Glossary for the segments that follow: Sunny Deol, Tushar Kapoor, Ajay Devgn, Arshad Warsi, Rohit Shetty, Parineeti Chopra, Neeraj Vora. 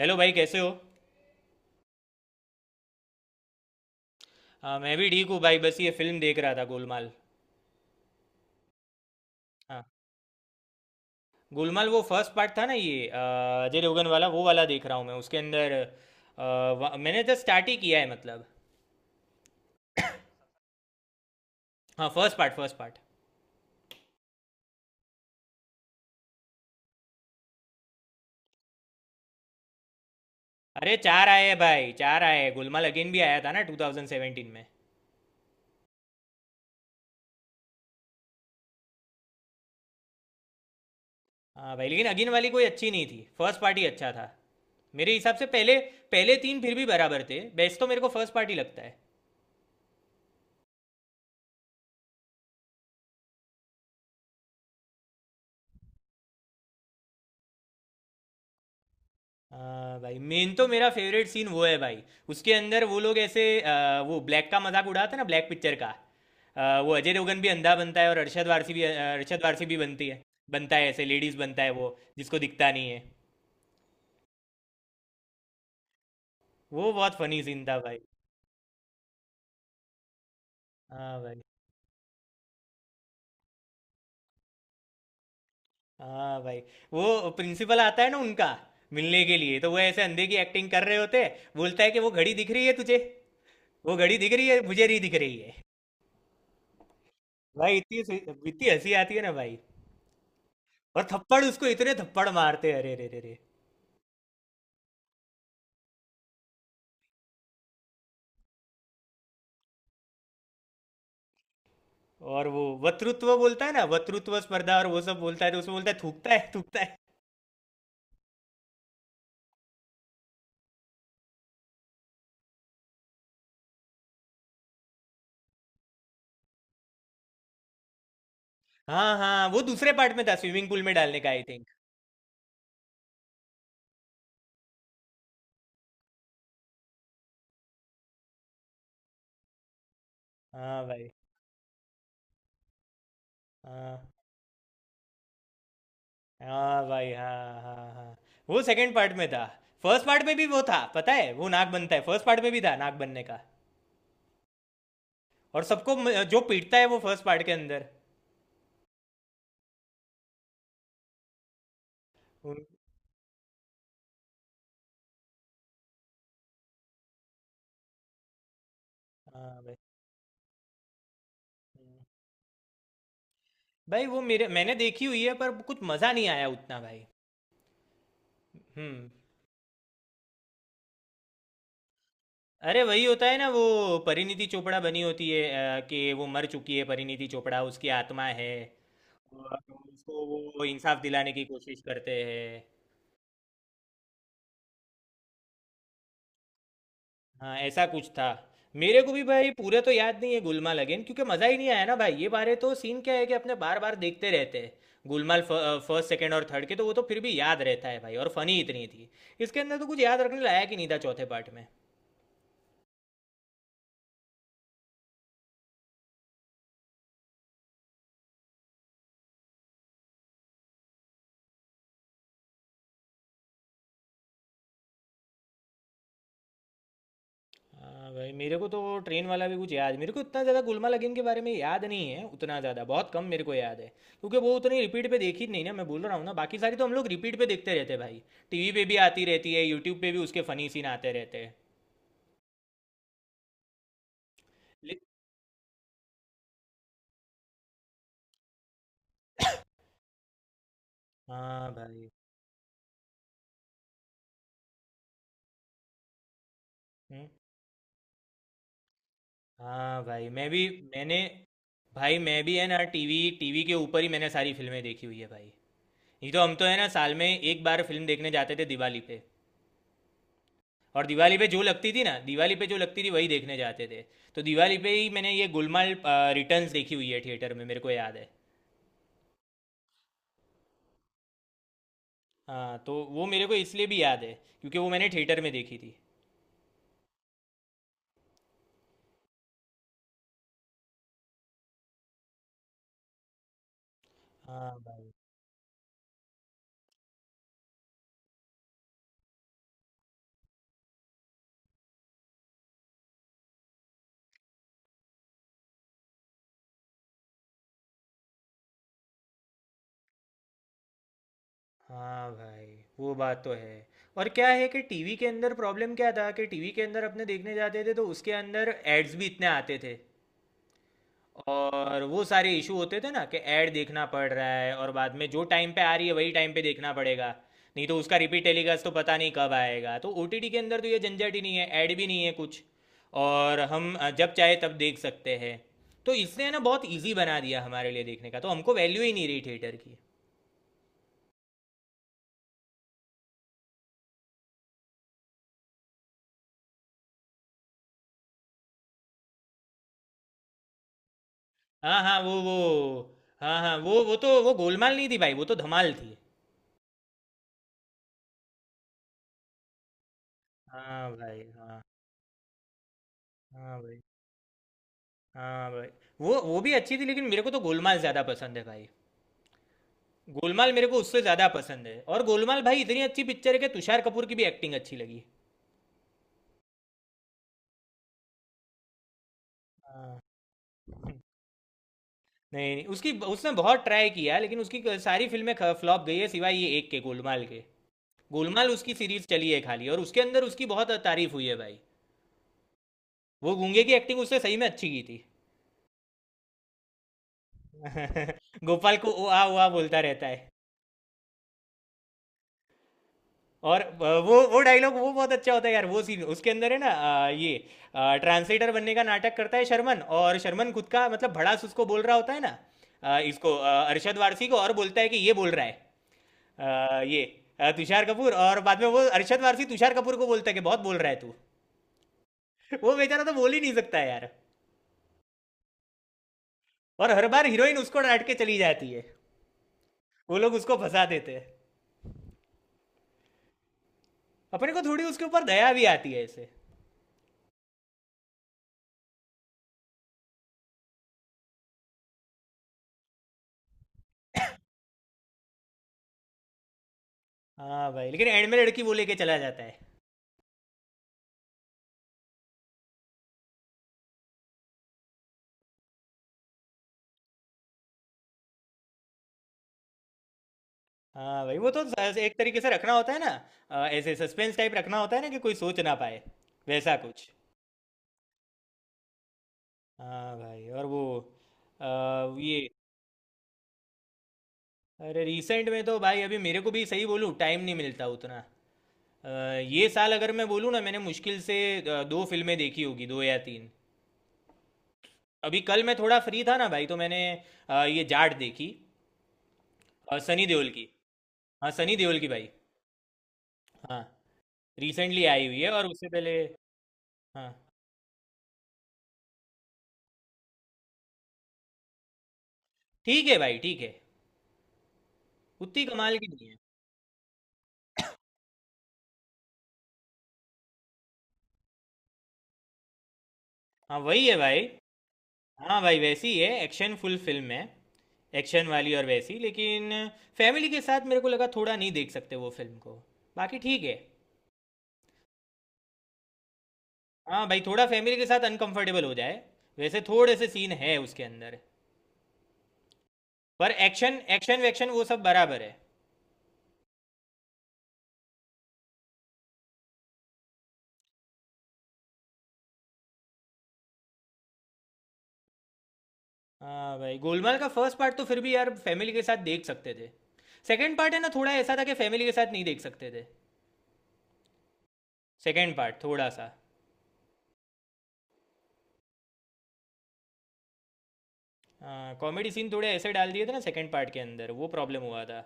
Hello भाई कैसे हो। हाँ मैं भी ठीक हूँ भाई, बस ये फिल्म देख रहा था, गोलमाल। हाँ, गोलमाल वो फर्स्ट पार्ट था ना ये, अजय देवगन वाला, वो वाला देख रहा हूँ मैं। उसके अंदर मैंने तो स्टार्ट ही किया है मतलब। हाँ, फर्स्ट पार्ट। अरे चार आए हैं भाई, चार आए हैं, गोलमाल अगेन भी आया था ना 2017 में। हाँ भाई, लेकिन अगेन वाली कोई अच्छी नहीं थी, फर्स्ट पार्ट ही अच्छा था मेरे हिसाब से। पहले पहले तीन फिर भी बराबर थे, बेस्ट तो मेरे को फर्स्ट पार्ट ही लगता है। हाँ भाई, मेन तो मेरा फेवरेट सीन वो है भाई, उसके अंदर वो लोग ऐसे वो ब्लैक का मजाक उड़ाते हैं ना, ब्लैक पिक्चर का। वो अजय देवगन भी अंधा बनता है और अरशद वारसी भी, अरशद वारसी भी बनती है, बनता है ऐसे लेडीज बनता है वो, जिसको दिखता नहीं है। वो बहुत फनी सीन था भाई। हाँ भाई। हाँ भाई, वो प्रिंसिपल आता है ना उनका मिलने के लिए, तो वो ऐसे अंधे की एक्टिंग कर रहे होते हैं। बोलता है कि वो घड़ी दिख रही है तुझे, वो घड़ी दिख रही है, मुझे नहीं दिख रही है भाई। इतनी इतनी हंसी आती है ना भाई। और थप्पड़, उसको इतने थप्पड़ मारते हैं, अरे रे रे रे। और वो वक्तृत्व बोलता है ना, वक्तृत्व स्पर्धा और वो सब बोलता है, तो उसमें बोलता है, थूकता है, थूकता है। हाँ हाँ, वो दूसरे पार्ट में था, स्विमिंग पूल में डालने का, आई थिंक। हाँ भाई। हाँ हाँ भाई। हाँ हाँ हाँ। वो सेकंड पार्ट में था। फर्स्ट पार्ट में भी वो था, पता है, वो नाक बनता है, फर्स्ट पार्ट में भी था नाक बनने का। और सबको जो पीटता है, वो फर्स्ट पार्ट के अंदर। उन- हाँ भाई। हम्म। भाई वो मेरे, मैंने देखी हुई है, पर कुछ मजा नहीं आया उतना भाई। हम्म, अरे वही होता है ना वो, परिणीति चोपड़ा बनी होती है, कि वो मर चुकी है, परिणीति चोपड़ा उसकी आत्मा है। और उसको वो इंसाफ दिलाने की कोशिश करते हैं। हाँ ऐसा कुछ था। मेरे को भी भाई पूरे तो याद नहीं है गुलमाल अगेन, क्योंकि मज़ा ही नहीं आया ना भाई, ये बारे तो सीन क्या है कि अपने बार बार देखते रहते हैं। गुलमाल फर्स्ट, सेकंड और थर्ड के तो वो तो फिर भी याद रहता है भाई, और फनी इतनी थी। इसके अंदर तो कुछ याद रखने लायक ही नहीं था, चौथे पार्ट में। हाँ भाई, मेरे को तो वो ट्रेन वाला भी कुछ याद, मेरे को इतना ज़्यादा गुलमाल अगेन के बारे में याद नहीं है उतना ज़्यादा, बहुत कम मेरे को याद है। क्योंकि वो उतनी रिपीट पे देखी नहीं ना, मैं बोल रहा हूँ ना, बाकी सारी तो हम लोग रिपीट पे देखते रहते हैं भाई। टीवी पे भी आती रहती है, यूट्यूब पे भी उसके फनी सीन आते रहते हैं। ले- हाँ भाई। हम्म, हाँ भाई मैं भी, मैंने, भाई मैं भी है ना, टीवी टीवी के ऊपर ही मैंने सारी फिल्में देखी हुई है भाई। नहीं तो हम तो है ना, साल में एक बार फिल्म देखने जाते थे दिवाली पे। और दिवाली पे जो लगती थी ना, दिवाली पे जो लगती थी वही देखने जाते थे। तो दिवाली पे ही मैंने ये गुलमाल रिटर्न्स देखी हुई है थिएटर में, मेरे को याद है। हाँ, तो वो मेरे को इसलिए भी याद है क्योंकि वो मैंने थिएटर में देखी थी। हाँ भाई। हाँ भाई, वो बात तो है। और क्या है कि टीवी के अंदर प्रॉब्लम क्या था कि टीवी के अंदर अपने देखने जाते थे तो उसके अंदर एड्स भी इतने आते थे। और वो सारे इशू होते थे ना कि ऐड देखना पड़ रहा है, और बाद में जो टाइम पे आ रही है वही टाइम पे देखना पड़ेगा। नहीं तो उसका रिपीट टेलीकास्ट तो पता नहीं कब आएगा। तो ओटीटी के अंदर तो ये झंझट ही नहीं है, ऐड भी नहीं है कुछ। और हम जब चाहे तब देख सकते हैं। तो इसने ना बहुत इजी बना दिया हमारे लिए देखने का, तो हमको वैल्यू ही नहीं रही थिएटर की। हाँ हाँ, वो। हाँ हाँ, वो तो वो गोलमाल नहीं थी भाई, वो तो धमाल थी। हाँ भाई। हाँ हाँ भाई। हाँ भाई, वो भी अच्छी थी, लेकिन मेरे को तो गोलमाल ज़्यादा पसंद है भाई। गोलमाल मेरे को उससे ज्यादा पसंद है। और गोलमाल भाई इतनी अच्छी पिक्चर है कि तुषार कपूर की भी एक्टिंग अच्छी लगी। हाँ। नहीं नहीं उसकी उसने बहुत ट्राई किया, लेकिन उसकी सारी फिल्में फ्लॉप गई है, सिवाय ये एक के, गोलमाल के। गोलमाल उसकी सीरीज चली है खाली, और उसके अंदर उसकी बहुत तारीफ हुई है भाई। वो गूंगे की एक्टिंग उसने सही में अच्छी की थी। गोपाल को ओ आ बोलता रहता है। और वो डायलॉग वो बहुत अच्छा होता है यार, वो सीन उसके अंदर है ना। ये ट्रांसलेटर बनने का नाटक करता है शर्मन, और शर्मन खुद का मतलब भड़ास उसको बोल रहा होता है ना। इसको, अरशद वारसी को, और बोलता है कि ये बोल रहा है अ, ये तुषार कपूर। और बाद में वो अरशद वारसी तुषार कपूर को बोलता है कि बहुत बोल रहा है तू। वो बेचारा तो बोल ही नहीं सकता है यार। और हर बार हीरोइन उसको डांट के चली जाती है। वो लोग उसको फंसा देते हैं। अपने को थोड़ी उसके ऊपर दया भी आती है ऐसे। हाँ भाई, लेकिन एंड में लड़की वो लेके चला जाता है। हाँ भाई, वो तो एक तरीके से रखना होता है ना। ऐसे सस्पेंस टाइप रखना होता है ना कि कोई सोच ना पाए वैसा कुछ। हाँ भाई। और वो अ, ये अरे रिसेंट में तो भाई अभी मेरे को भी सही बोलूँ टाइम नहीं मिलता उतना। अ, ये साल अगर मैं बोलूँ ना, मैंने मुश्किल से दो फिल्में देखी होगी, दो या तीन। अभी कल मैं थोड़ा फ्री था ना भाई, तो मैंने ये जाट देखी, सनी देओल की। हाँ, सनी देओल की भाई। हाँ, रिसेंटली आई हुई है। और उससे पहले, हाँ। ठीक है भाई, ठीक है, उतनी कमाल की नहीं है। हाँ वही है भाई। हाँ भाई वैसी ही है, एक्शन फुल फिल्म है, एक्शन वाली और वैसी। लेकिन फैमिली के साथ मेरे को लगा थोड़ा नहीं देख सकते वो फिल्म को, बाकी ठीक है। हाँ भाई, थोड़ा फैमिली के साथ अनकंफर्टेबल हो जाए, वैसे थोड़े से सीन है उसके अंदर। पर एक्शन, एक्शन वैक्शन वो सब बराबर है। हाँ भाई, गोलमाल का फर्स्ट पार्ट तो फिर भी यार फैमिली के साथ देख सकते थे। सेकंड पार्ट है ना थोड़ा ऐसा था कि फैमिली के साथ नहीं देख सकते थे, सेकंड पार्ट थोड़ा सा। कॉमेडी सीन थोड़े ऐसे डाल दिए थे ना सेकंड पार्ट के अंदर, वो प्रॉब्लम हुआ था।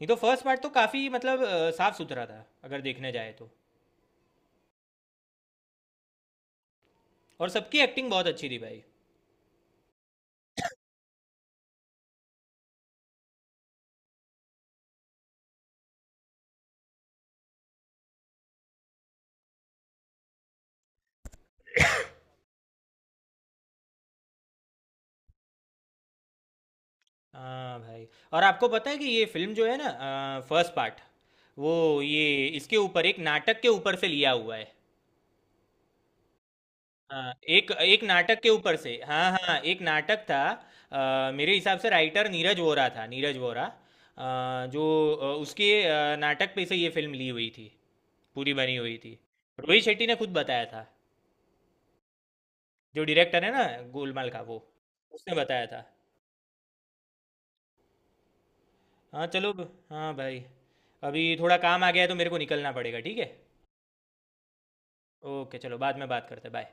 नहीं तो फर्स्ट पार्ट तो काफ़ी मतलब साफ सुथरा था अगर देखने जाए तो। और सबकी एक्टिंग बहुत अच्छी थी भाई। हाँ भाई। और आपको पता है कि ये फिल्म जो है ना, फर्स्ट पार्ट वो, ये इसके ऊपर एक नाटक के ऊपर से लिया हुआ है। हाँ, एक, एक नाटक के ऊपर से, हाँ हाँ, एक नाटक था। मेरे हिसाब से राइटर नीरज वोरा था, नीरज वोरा, अ, जो उसके नाटक पे से ये फिल्म ली हुई थी, पूरी बनी हुई थी। रोहित शेट्टी ने खुद बताया था, जो डायरेक्टर है ना गोलमाल का, वो, उसने बताया था। हाँ चलो, हाँ भाई, अभी थोड़ा काम आ गया है तो मेरे को निकलना पड़ेगा, ठीक है। ओके चलो, बाद में बात करते हैं, बाय।